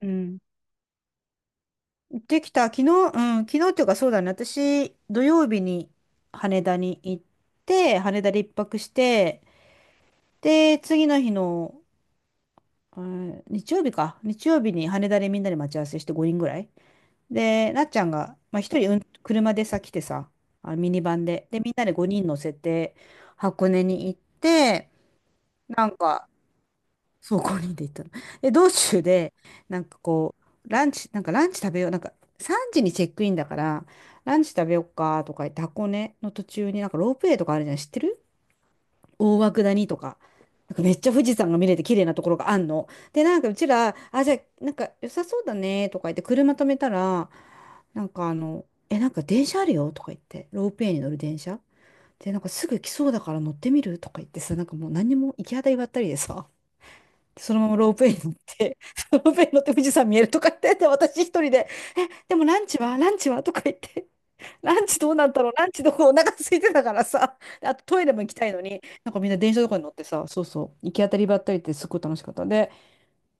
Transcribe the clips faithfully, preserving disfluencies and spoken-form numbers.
うん。行ってきた。昨日、うん、昨日っていうかそうだね。私、土曜日に羽田に行って、羽田で一泊して、で、次の日の、うん、日曜日か。日曜日に羽田でみんなで待ち合わせしてごにんぐらい。で、なっちゃんが、まあ、一人、うん、車でさ、来てさ、あ、ミニバンで。で、みんなでごにん乗せて、箱根に行って、なんか、そう、ごに人で行ったの。で、道中で、なんかこう、ランチ、なんかランチ食べよう、なんかさんじにチェックインだから、ランチ食べようかとか言って、箱根の途中になんかロープウェイとかあるじゃん、知ってる？大涌谷とか。なんかめっちゃ富士山が見れて綺麗なところがあんの。で、なんかうちら、あ、じゃあ、なんか良さそうだねとか言って、車止めたら、なんかあの、え、なんか電車あるよとか言って、ロープウェイに乗る電車。で、なんかすぐ来そうだから乗ってみるとか言ってさ、なんかもう何にも行き当たりばったりでさ。そのままロープウェイに乗って、ロープウェイに乗って富士山見えるとか言って、で私一人で、え、でもランチはランチはとか言って、ランチどうなんだろうランチどこ、お腹空いてたからさ、であとトイレも行きたいのに、なんかみんな電車とかに乗ってさ、そうそう、行き当たりばったりってすごい楽しかったんで、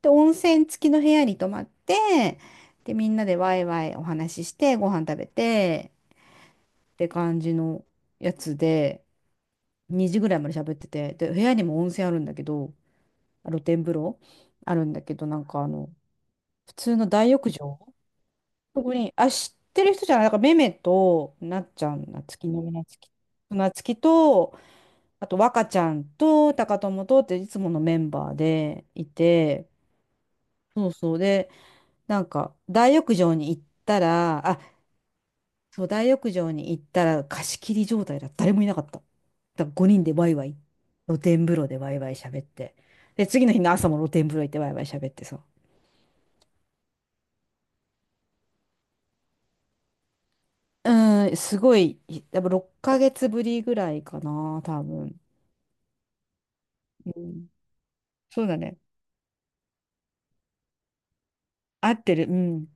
で、温泉付きの部屋に泊まって、で、みんなでワイワイお話しして、ご飯食べて、って感じのやつで、にじぐらいまで喋ってて、で、部屋にも温泉あるんだけど、露天風呂あるんだけど、なんかあの、普通の大浴場グリーン。あ、知ってる人じゃない。なんか、めめと、なっちゃん、なつきのめなつき。なつきと、あと、若ちゃんと、高友とっていつものメンバーでいて、そうそうで、なんか、大浴場に行ったら、あ、そう、大浴場に行ったら、貸し切り状態だ。誰もいなかった。だからごにんでワイワイ、露天風呂でワイワイ喋って。で、次の日の朝も露天風呂行ってワイワイ喋ってさ。うん、すごい、多分ろっかげつぶりぐらいかな、多分。うん、そうだね。合ってる。うん。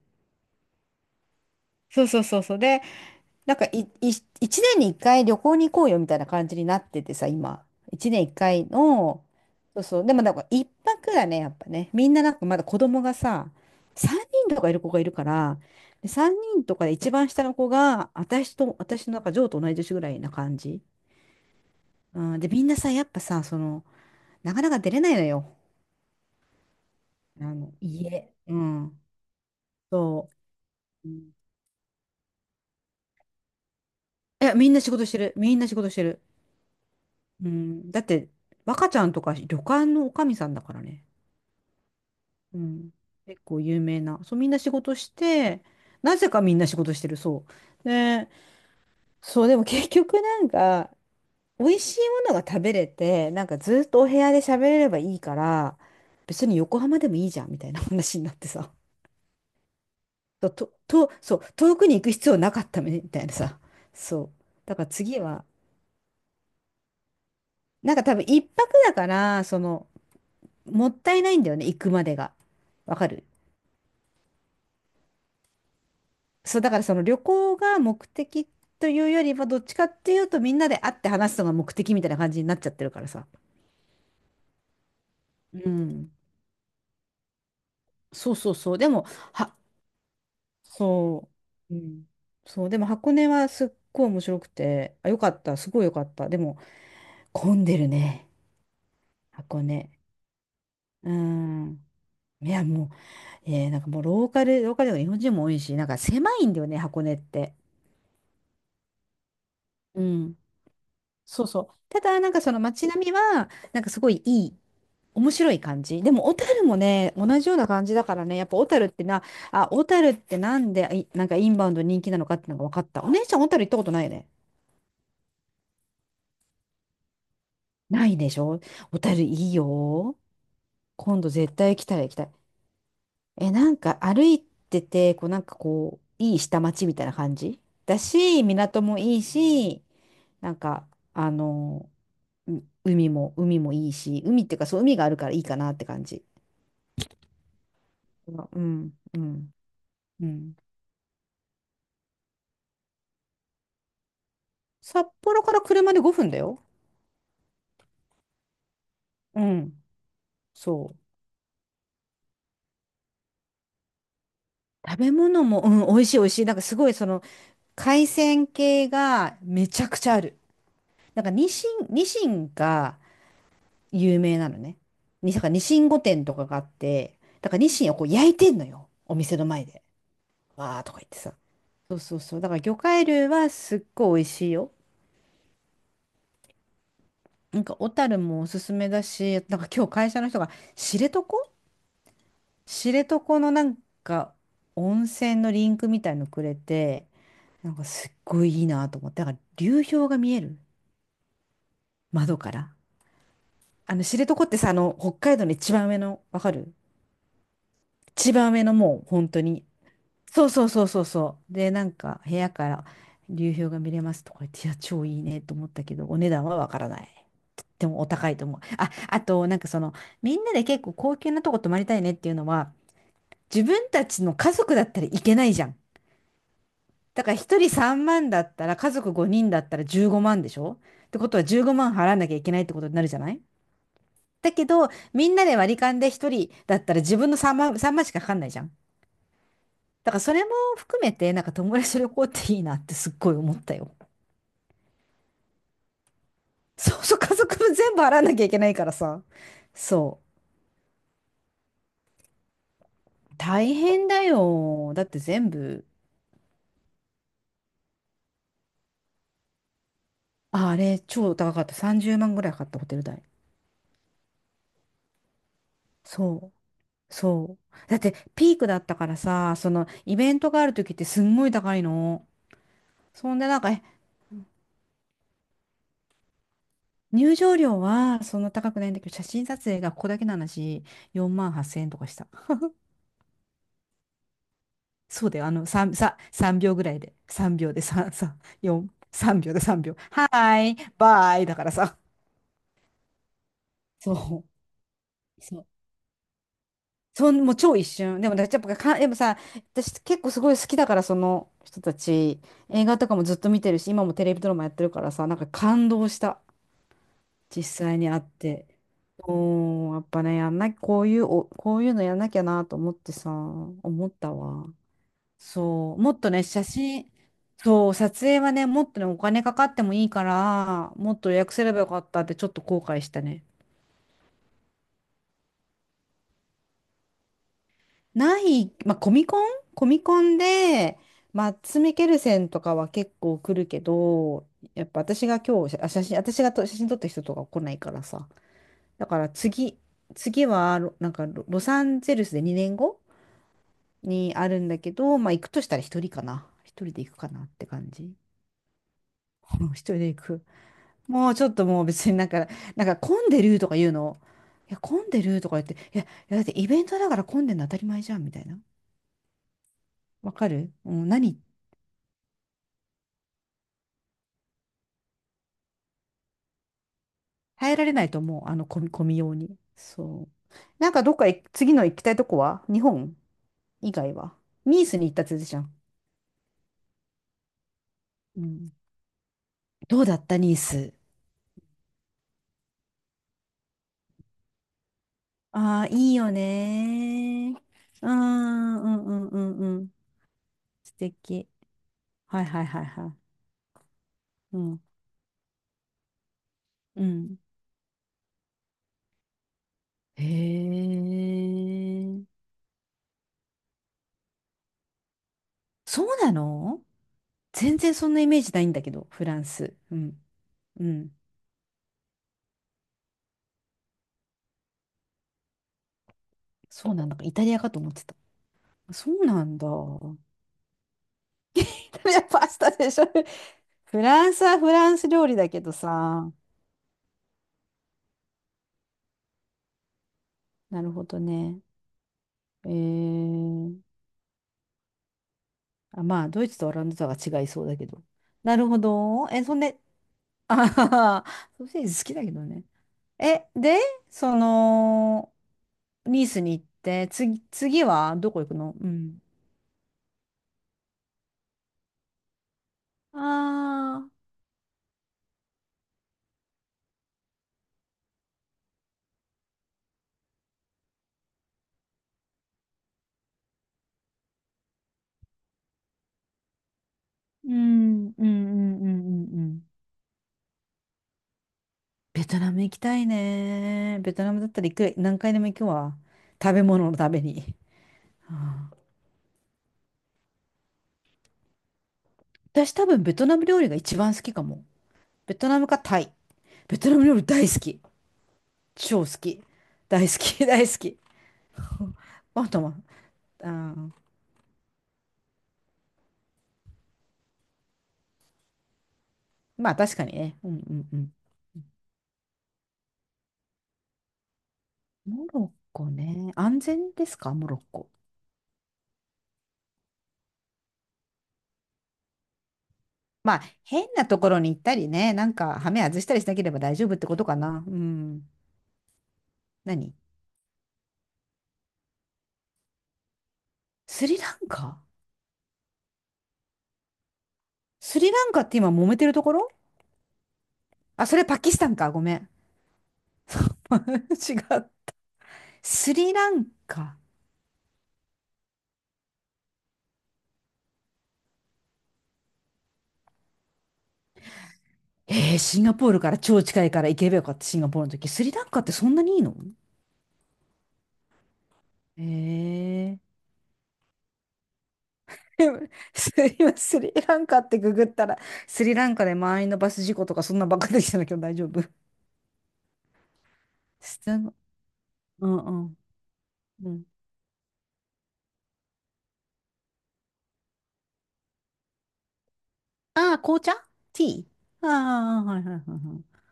そうそうそうそう。で、なんかい、い、いちねんにいっかい旅行に行こうよみたいな感じになっててさ、今。いちねんいっかいの、そうそう。でもなんかいっぱくだね、やっぱね。みんななんかまだ子供がさ、さんにんとかいる子がいるから、で、さんにんとかで一番下の子が、私と、私のなんか、ジョーと同い年ぐらいな感じ。うん、で、みんなさ、やっぱさ、その、なかなか出れないのよ。あの、家。うん。そう。うん。いや、みんな仕事してる。みんな仕事してる。うん。だって、若ちゃんとか旅館のおかみさんだからね。うん。結構有名な。そう、みんな仕事して、なぜかみんな仕事してる。そう。で、そう、でも結局なんか、美味しいものが食べれて、なんかずっとお部屋で喋れればいいから、別に横浜でもいいじゃん、みたいな話になってさ。と、と、とそう、遠くに行く必要なかったみたいなさ。そう。だから次は、なんか多分一泊だから、その、もったいないんだよね、行くまでが。わかる？そう、だからその旅行が目的というよりは、どっちかっていうとみんなで会って話すのが目的みたいな感じになっちゃってるからさ。うん。そうそうそう。でも、は、そう。うん。そう、でも箱根はすっごい面白くて、あ、よかった、すごいよかった。でも、混んでるね、箱根。うん。いや、もう、えーなんかもうローカル、ローカルでも日本人も多いし、なんか狭いんだよね、箱根って。うん。そうそう。ただ、なんかその街並みは、なんかすごいいい、面白い感じ。でも、小樽もね、同じような感じだからね、やっぱ小樽ってな、あ、小樽ってなんで、い、なんかインバウンド人気なのかってのが分かった。お姉ちゃん、小樽行ったことないよね。ないでしょ？小樽いいよ。今度絶対行きたい、行きたい。え、なんか歩いてて、こう、なんかこう、いい下町みたいな感じだし、港もいいし、なんか、あの、う、海も、海もいいし、海っていうか、そう、海があるからいいかなって感じ。あうん、うん、うん。札幌から車でごふんだよ。うん、そう。食べ物も、うん、美味しい美味しい。なんかすごいその海鮮系がめちゃくちゃある。なんかニシン、ニシンが有名なのね。に、だからニシン御殿とかがあって、だからニシンをこう焼いてんのよ。お店の前で。わーとか言ってさ。そうそうそう。だから魚介類はすっごい美味しいよ。なんか小樽もおすすめだし、なんか今日会社の人が知床、知床のなんか温泉のリンクみたいのくれて、なんかすっごいいいなと思って、だから流氷が見える、窓から。あの知床ってさ、あの北海道の一番上の、わかる？一番上のもう本当に。そうそうそうそうそう。で、なんか部屋から流氷が見れますとか言って、いや、超いいねと思ったけど、お値段はわからない。でもお高いと思う。あ、あと、なんかその、みんなで結構高級なとこ泊まりたいねっていうのは、自分たちの家族だったらいけないじゃん。だからひとりさんまんだったら、家族ごにんだったらじゅうごまんでしょ？ってことはじゅうごまん払わなきゃいけないってことになるじゃない？だけど、みんなで割り勘でひとりだったら自分のさんまん、さんまんしかかかんないじゃん。だからそれも含めて、なんか友達と旅行っていいなってすっごい思ったよ。そうそう、家族分全部払わなきゃいけないからさ。そう。大変だよ。だって全部、ああれ、超高かった。さんじゅうまんぐらいかかったホテル代。そう。そう。だってピークだったからさ、そのイベントがある時ってすんごい高いの。そんでなんか、え、入場料はそんな高くないんだけど、写真撮影がここだけの話、よんまんはっせんえんとかした。そうだよ、あの、さん、さ、さんびょうぐらいで。さんびょうでさん、さ、よん、さんびょうでさんびょう。はーい、バーイだからさ。そう。そう。そん、もう超一瞬。でも、だってやっぱか、でもさ、私結構すごい好きだから、その人たち、映画とかもずっと見てるし、今もテレビドラマやってるからさ、なんか感動した。実際に会って、おー、やっぱね、やんな、こういう、お、こういうのやんなきゃなと思ってさ、思ったわ。そう、もっとね、写真、そう、撮影はね、もっとね、お金かかってもいいから、もっと予約すればよかったってちょっと後悔したね。ない、まあ、コミコンコミコンで、マッツ・ミケルセンとかは結構来るけど、やっぱ私が今日、あ、写真、私がと写真撮った人とか来ないからさ。だから次、次はロ、なんかロ、ロサンゼルスでにねんごにあるんだけど、まあ行くとしたら一人かな。一人で行くかなって感じ。うん一人で行く。もうちょっともう別になんか、なんか混んでるとか言うの。いや、混んでるとか言って、いや、いやだってイベントだから混んでるの当たり前じゃんみたいな。わかるうん、何耐えられないと思う。あの混み、混みように。そう。なんかどっか行次の行きたいとこは日本以外はニースに行ったって言ってたじゃん。うん。どうだったニース。ああ、いいよねー。うん、うん、うん、うんうん。素敵。はいはいはいはい。うん、うん。へえ。そうなの？全然そんなイメージないんだけど、フランス。うん、うん。そうなんだ。イタリアかと思ってた。そうなんだ。イタリアパスタでしょ。フランスはフランス料理だけどさ。なるほどね。えー、あ、まあ、ドイツとオランダとは違いそうだけど。なるほど。え、そんで、あはは ソーセージ好きだけどね。え、で、その、ニースに行って、つ、次はどこ行くの？うん。ああ、うん、うん、うん、うん、うん。うんベトナム行きたいね。ベトナムだったら行く、何回でも行くわ。食べ物のために。はあ私多分ベトナム料理が一番好きかも。ベトナムかタイ。ベトナム料理大好き。超好き。大好き、大好き。またまあとは、うんまあ確かにね。うんうんうん。モロッコね。安全ですか、モロッコ？まあ変なところに行ったりね、なんかハメ外したりしなければ大丈夫ってことかな。うん。何？スリランカスリランカって今揉めてるところ？あ、それパキスタンか。ごめん。違う。スリランカ。えー、シンガポールから超近いから行けばよかった、シンガポールの時。スリランカってそんなにいいの？えでもす今スリランカってググったら、スリランカで満員のバス事故とかそんなばっかりできたんだけど大丈夫？スタバ？うんうん。うん、ああ、紅茶？ティー？ああ、はいはいはいはい。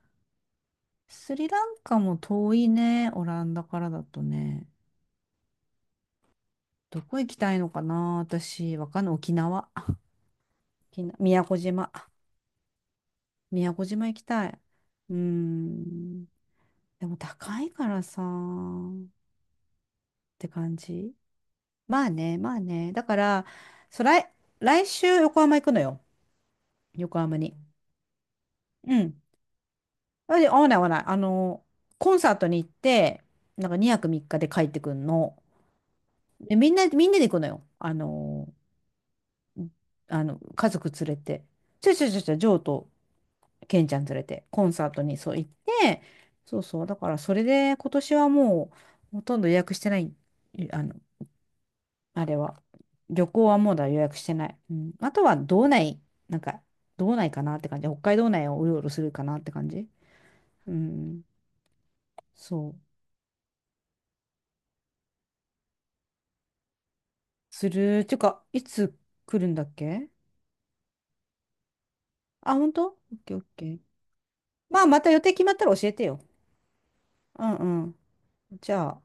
スリランカも遠いね、オランダからだとね。どこ行きたいのかな私、わかんない。沖縄。沖縄、宮古島。宮古島行きたい。うーん。でも高いからさ、って感じ。まあね、まあね。だから、そう来、来週横浜行くのよ。横浜に。うん。あ、で合わない合わない。あの、コンサートに行って、なんかにはくみっかで帰ってくんの。で、みんな、みんなで行くのよ。あの、あの、家族連れて。ちょいちょいちょいちょい、ジョーとケンちゃん連れて、コンサートにそう行って、そうそう。だから、それで今年はもう、ほとんど予約してない。あの、あれは。旅行はもうだ予約してない。うん。あとは道内、なんか、道内かなって感じ。北海道内をうろうろするかなって感じ。うん。そう。する。てか、いつ来るんだっけ？あ、ほんとオッケーオッケー。まあ、また予定決まったら教えてよ。うんうん。じゃあ。